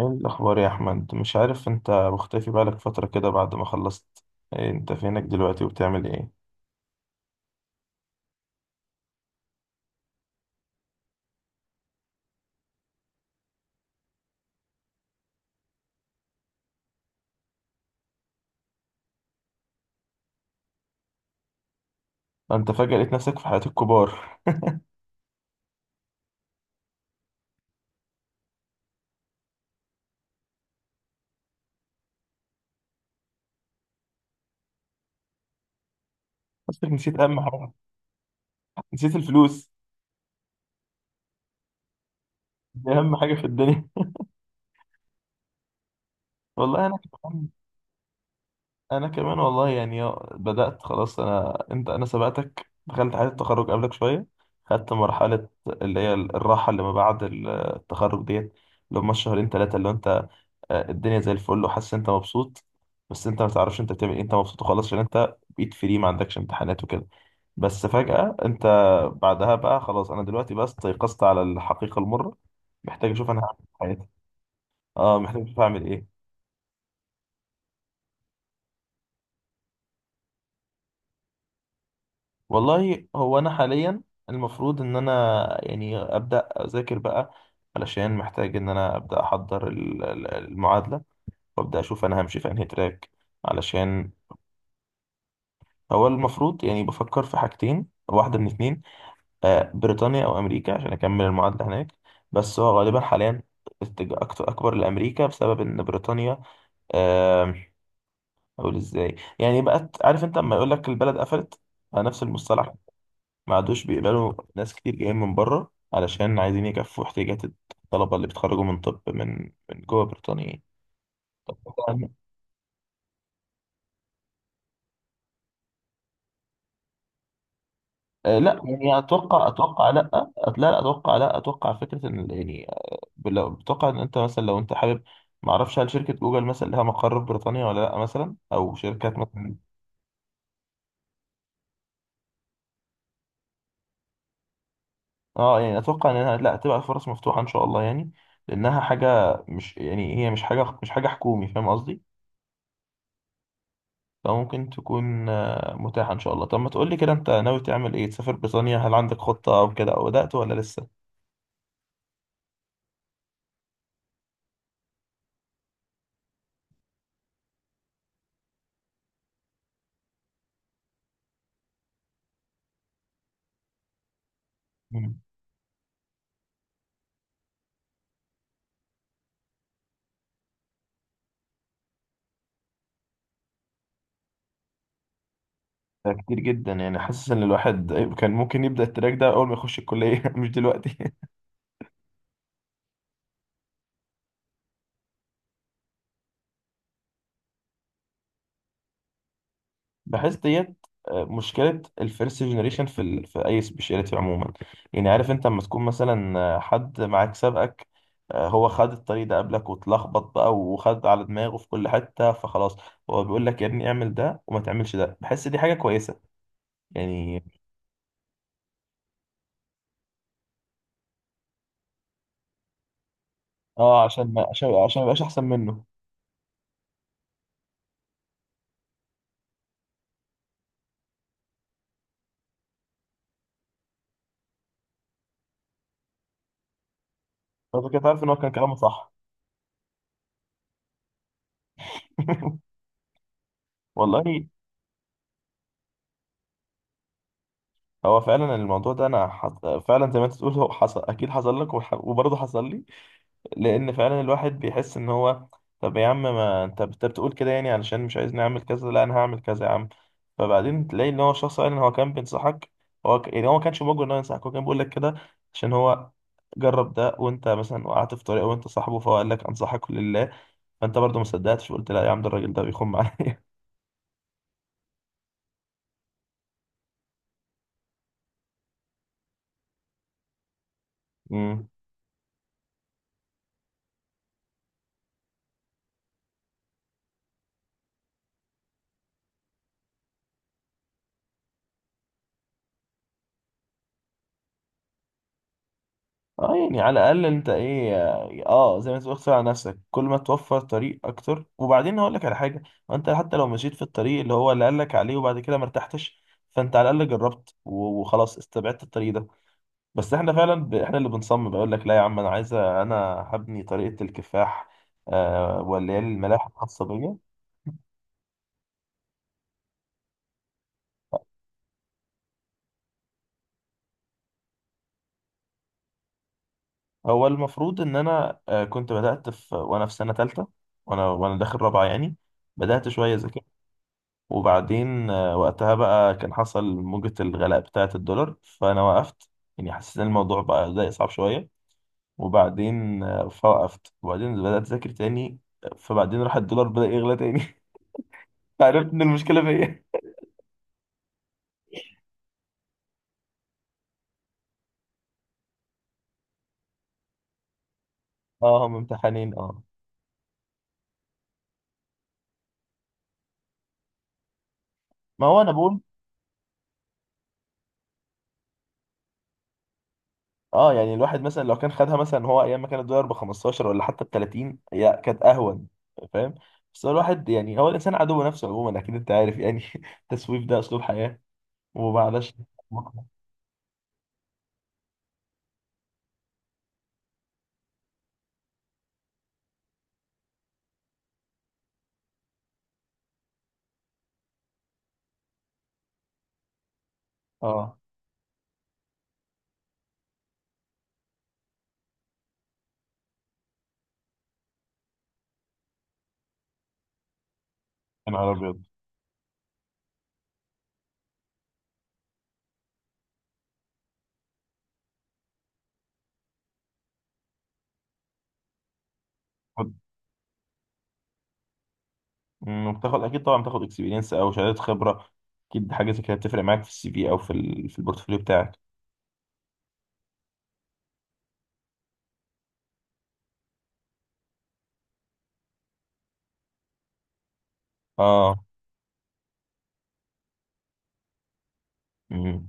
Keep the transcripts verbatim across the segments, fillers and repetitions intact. ايه الاخبار يا احمد؟ مش عارف انت مختفي بقالك فتره كده بعد ما خلصت. إيه؟ انت فينك دلوقتي وبتعمل ايه؟ انت فجاه لقيت نفسك في حياه الكبار. نفسك نسيت اهم حاجه؟ نسيت الفلوس. دي اهم حاجه في الدنيا. والله انا كمان. انا كمان والله يعني، آه، بدات خلاص. انا انت انا سبقتك دخلت حياه التخرج قبلك شويه. خدت مرحله اللي هي الراحه اللي ما بعد التخرج ديت، اللي هم الشهرين ثلاثه اللي انت، آه، الدنيا زي الفل وحاسس إن انت مبسوط. بس انت ما تعرفش انت بتعمل ايه، انت مبسوط وخلاص، عشان انت بقيت فري، ما عندكش امتحانات وكده. بس فجأة انت، بعدها بقى خلاص. انا دلوقتي بقى استيقظت على الحقيقة المرة. محتاج اشوف انا هعمل إيه في حياتي. اه، محتاج اشوف هعمل ايه. والله هو انا حاليا، المفروض ان انا يعني ابدا اذاكر بقى، علشان محتاج ان انا ابدا احضر ال- ال- المعادلة، وابدا اشوف انا همشي في انهي تراك، علشان. هو المفروض يعني بفكر في حاجتين، واحدة من اتنين: آه، بريطانيا او امريكا عشان اكمل المعادله هناك. بس هو غالبا حاليا اتجاه أكت- اكبر لامريكا بسبب ان بريطانيا، آم، اقول ازاي يعني؟ بقت عارف انت لما يقول لك البلد قفلت؟ نفس المصطلح. ما عادوش بيقبلوا ناس كتير جايين من بره علشان عايزين يكفوا احتياجات الطلبه اللي بيتخرجوا من طب من من جوه بريطانيا يعني. طب طبعاً، آه، لا يعني، اتوقع اتوقع لا. أت- لا لا، اتوقع لا، اتوقع فكره ان يعني لو بتوقع ان انت مثلا، لو انت حابب، ما اعرفش، هل شركه جوجل مثلا لها مقر في بريطانيا ولا لا مثلا، او شركات مثلا. اه، يعني اتوقع انها لا تبقى فرص مفتوحه ان شاء الله يعني، لانها حاجه مش يعني، هي مش حاجه مش حاجه حكومي، فاهم قصدي. فممكن تكون آه، متاحه ان شاء الله. طب ما تقول لي كده، انت ناوي تعمل ايه؟ تسافر بريطانيا؟ هل عندك خطه او كده، او بدات ولا لسه؟ مم. ده كتير جدا، يعني حاسس ان الواحد كان ممكن يبدا التراك ده اول ما يخش الكليه، مش دلوقتي. بحس ديت آه، مشكلة الفيرست جنريشن في ال... في أي سبيشاليتي عموما. يعني عارف أنت لما تكون مثلا آه، حد معاك سابقك، آه، هو خد الطريق ده قبلك واتلخبط بقى وخد على دماغه في كل حتة، فخلاص هو بيقول لك يا ابني اعمل ده وما تعملش ده. بحس دي حاجة كويسة يعني. اه، عشان ما عشان عشان ما يبقاش أحسن منه. فأنت كده عارف إن هو كان كلامه صح. والله، هو فعلا الموضوع ده انا حط... فعلا زي ما انت بتقول، هو حصل، اكيد حصل لك وح... وبرضه حصل لي، لان فعلا الواحد بيحس ان هو. طب يا عم، ما انت بت- بتقول كده، يعني علشان مش عايزني اعمل كذا، لا انا هعمل كذا يا عم. فبعدين تلاقي ان هو شخص فعلا هو كان بينصحك. هو ك... يعني، هو ما كانش موجود ان هو ينصحك، هو كان بيقول لك كده عشان هو جرب ده، وانت مثلا وقعت في طريقه، وانت صاحبه، فهو قال لك انصحك لله. فانت برضه ما صدقتش وقلت لا يا عم، ده الراجل ده بيخم عليا. اه، يعني على الاقل انت ايه، اه، زي ما تقول اختار على نفسك، كل ما توفر طريق اكتر. وبعدين هقول لك على حاجه: ما انت حتى لو مشيت في الطريق اللي هو اللي قال لك عليه، وبعد كده ما ارتحتش، فانت على الاقل جربت و- وخلاص استبعدت الطريق ده. بس احنا فعلا ب... احنا اللي بنصمم، بقول لك لا يا عم انا عايزه انا، هبني طريقه الكفاح، آه واللي هي الملاحه الخاصه بيا. هو المفروض ان انا آه كنت بدات في وانا في سنه ثالثه، وانا وانا داخل رابعه يعني، بدات شويه ذاكر. وبعدين آه، وقتها بقى كان حصل موجة الغلاء بتاعة الدولار، فأنا وقفت. يعني حسيت إن الموضوع بقى بدأ يصعب شوية. وبعدين آه، فوقفت، وبعدين بدأت أذاكر تاني. فبعدين راح الدولار بدأ يغلى تاني. عرفت إن المشكلة فيا. اه، هم امتحانين، اه. ما هو أنا بقول، اه، يعني الواحد مثلا لو كان خدها، مثلا هو أيام ما كان الدولار ب خمسة عشر ولا حتى ب تلاتين، هي كانت أهون. فاهم. بس هو الواحد، يعني هو الإنسان عدو نفسه عموما، أكيد أنت عارف يعني. التسويف ده أسلوب حياة، ومعلش. اه، يا نهار ابيض. خد- مم، بتاخد اكيد طبعا، بتاخد اكسبيرينس او شهادات خبره. اكيد حاجه زي كده بتفرق معاك في السي في، او في ال... في البورتفوليو بتاعك. اه. مم.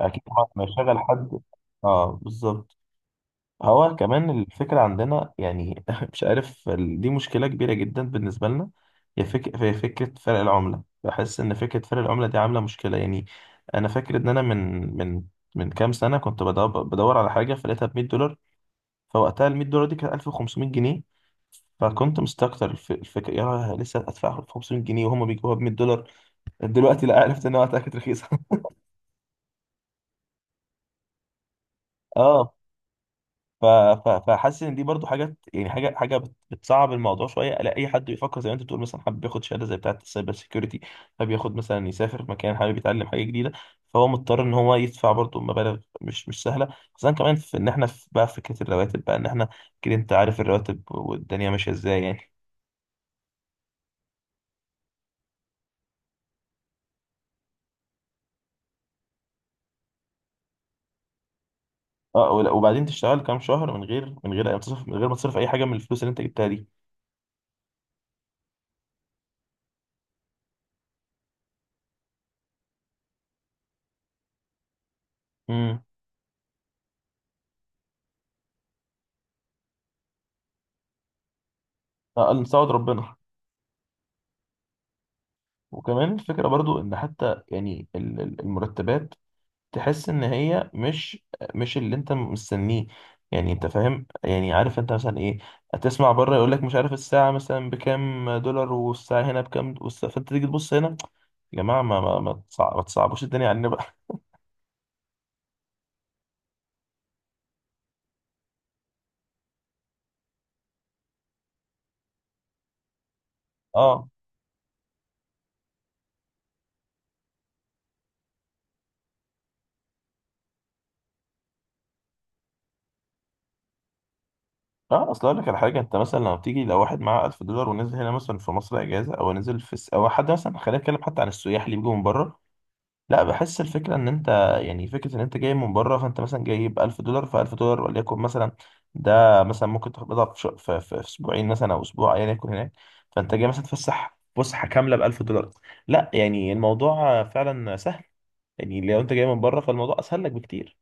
اكيد طبعا لما يشغل حد، اه، بالظبط. هو كمان الفكره عندنا يعني، مش عارف، ال- دي مشكله كبيره جدا بالنسبه لنا. هي فك... هي فكره فرق العمله، بحس ان فكره فرق العمله دي عامله مشكله يعني. انا فاكر ان انا من من من كام سنه كنت بدور, بدور على حاجه فلقيتها ب مئة دولار. فوقتها ال مئة دولار دي كانت ألف وخمسمئة جنيه. فكنت مستكتر الف- الفكره، يا لسه هدفع خمسميه جنيه وهم بيجيبوها ب مية دولار. دلوقتي لا، عرفت انها وقتها كانت رخيصه. اه، ف- ف- فحاسس ان دي برضو حاجات، يعني حاجه حاجه بت- بتصعب الموضوع شويه. لا، اي حد بيفكر زي ما انت بتقول، مثلا حابب ياخد شهاده زي بتاعه السايبر سيكيورتي، حابب ياخد مثلا يسافر مكان، حابب يتعلم حاجه جديده، فهو مضطر ان هو يدفع برضو مبالغ مش مش سهله. خصوصا كمان في ان احنا في بقى فكره الرواتب، بقى ان احنا، كده انت عارف الرواتب والدنيا ماشيه ازاي يعني. اه، ولا- وبعدين تشتغل كام شهر، من غير من غير أي تصرف، من غير ما تصرف اي حاجه من الفلوس اللي انت جبتها دي. امم. قال نساعد ربنا. وكمان الفكره برضو ان حتى يعني ال- ال- المرتبات، تحس ان هي مش، مش اللي انت مستنيه. يعني انت فاهم، يعني عارف انت مثلا ايه، هتسمع بره يقول لك مش عارف الساعه مثلا بكام دولار، والساعه هنا بكام، والس- فانت تيجي تبص هنا، يا جماعه ما ما ما تصع- ما تصعبوش الدنيا علينا بقى. اه. اه، اصل اقول لك على حاجه، انت مثلا لما بتيجي لو واحد معاه ألف دولار ونزل هنا مثلا في مصر اجازه، او نزل في الس... او حد مثلا، خلينا نتكلم حتى عن السياح اللي بيجوا من بره. لا، بحس الفكره ان انت، يعني فكره ان انت جاي من بره، فانت مثلا جايب ألف دولار، ف ألف دولار وليكن مثلا، ده مثلا ممكن تقبضها في, ش... في, في, في اسبوعين مثلا او اسبوع، ايا يكن هناك. فانت جاي مثلا تفسح فسحه كامله ب ألف دولار. لا يعني الموضوع فعلا سهل، يعني لو انت جاي من بره فالموضوع اسهل لك بكتير.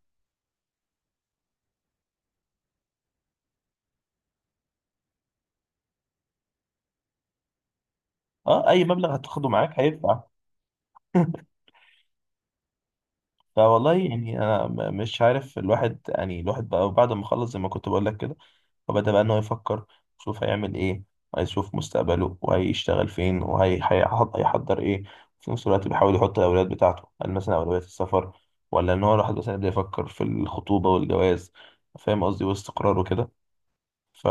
اه، اي مبلغ هتاخده معاك هينفع. فوالله يعني انا م- مش عارف. الواحد يعني الواحد بقى بعد ما خلص زي ما كنت بقول لك كده، فبدأ بقى ان هو يفكر، يشوف هيعمل ايه، هيشوف مستقبله وهيشتغل فين وهيحضر ايه. في نفس الوقت بيحاول يحط الاولويات بتاعته، هل مثلا اولوية السفر، ولا ان هو الواحد مثلا يبدأ يفكر في الخطوبة والجواز؟ فاهم قصدي، واستقرار وكده. ف،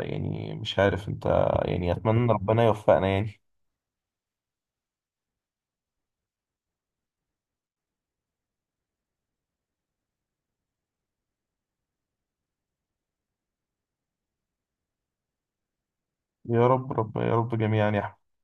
يعني مش عارف انت، يعني اتمنى ربنا يوفقنا يعني. يا رب رب يا رب جميعا يا أحمد.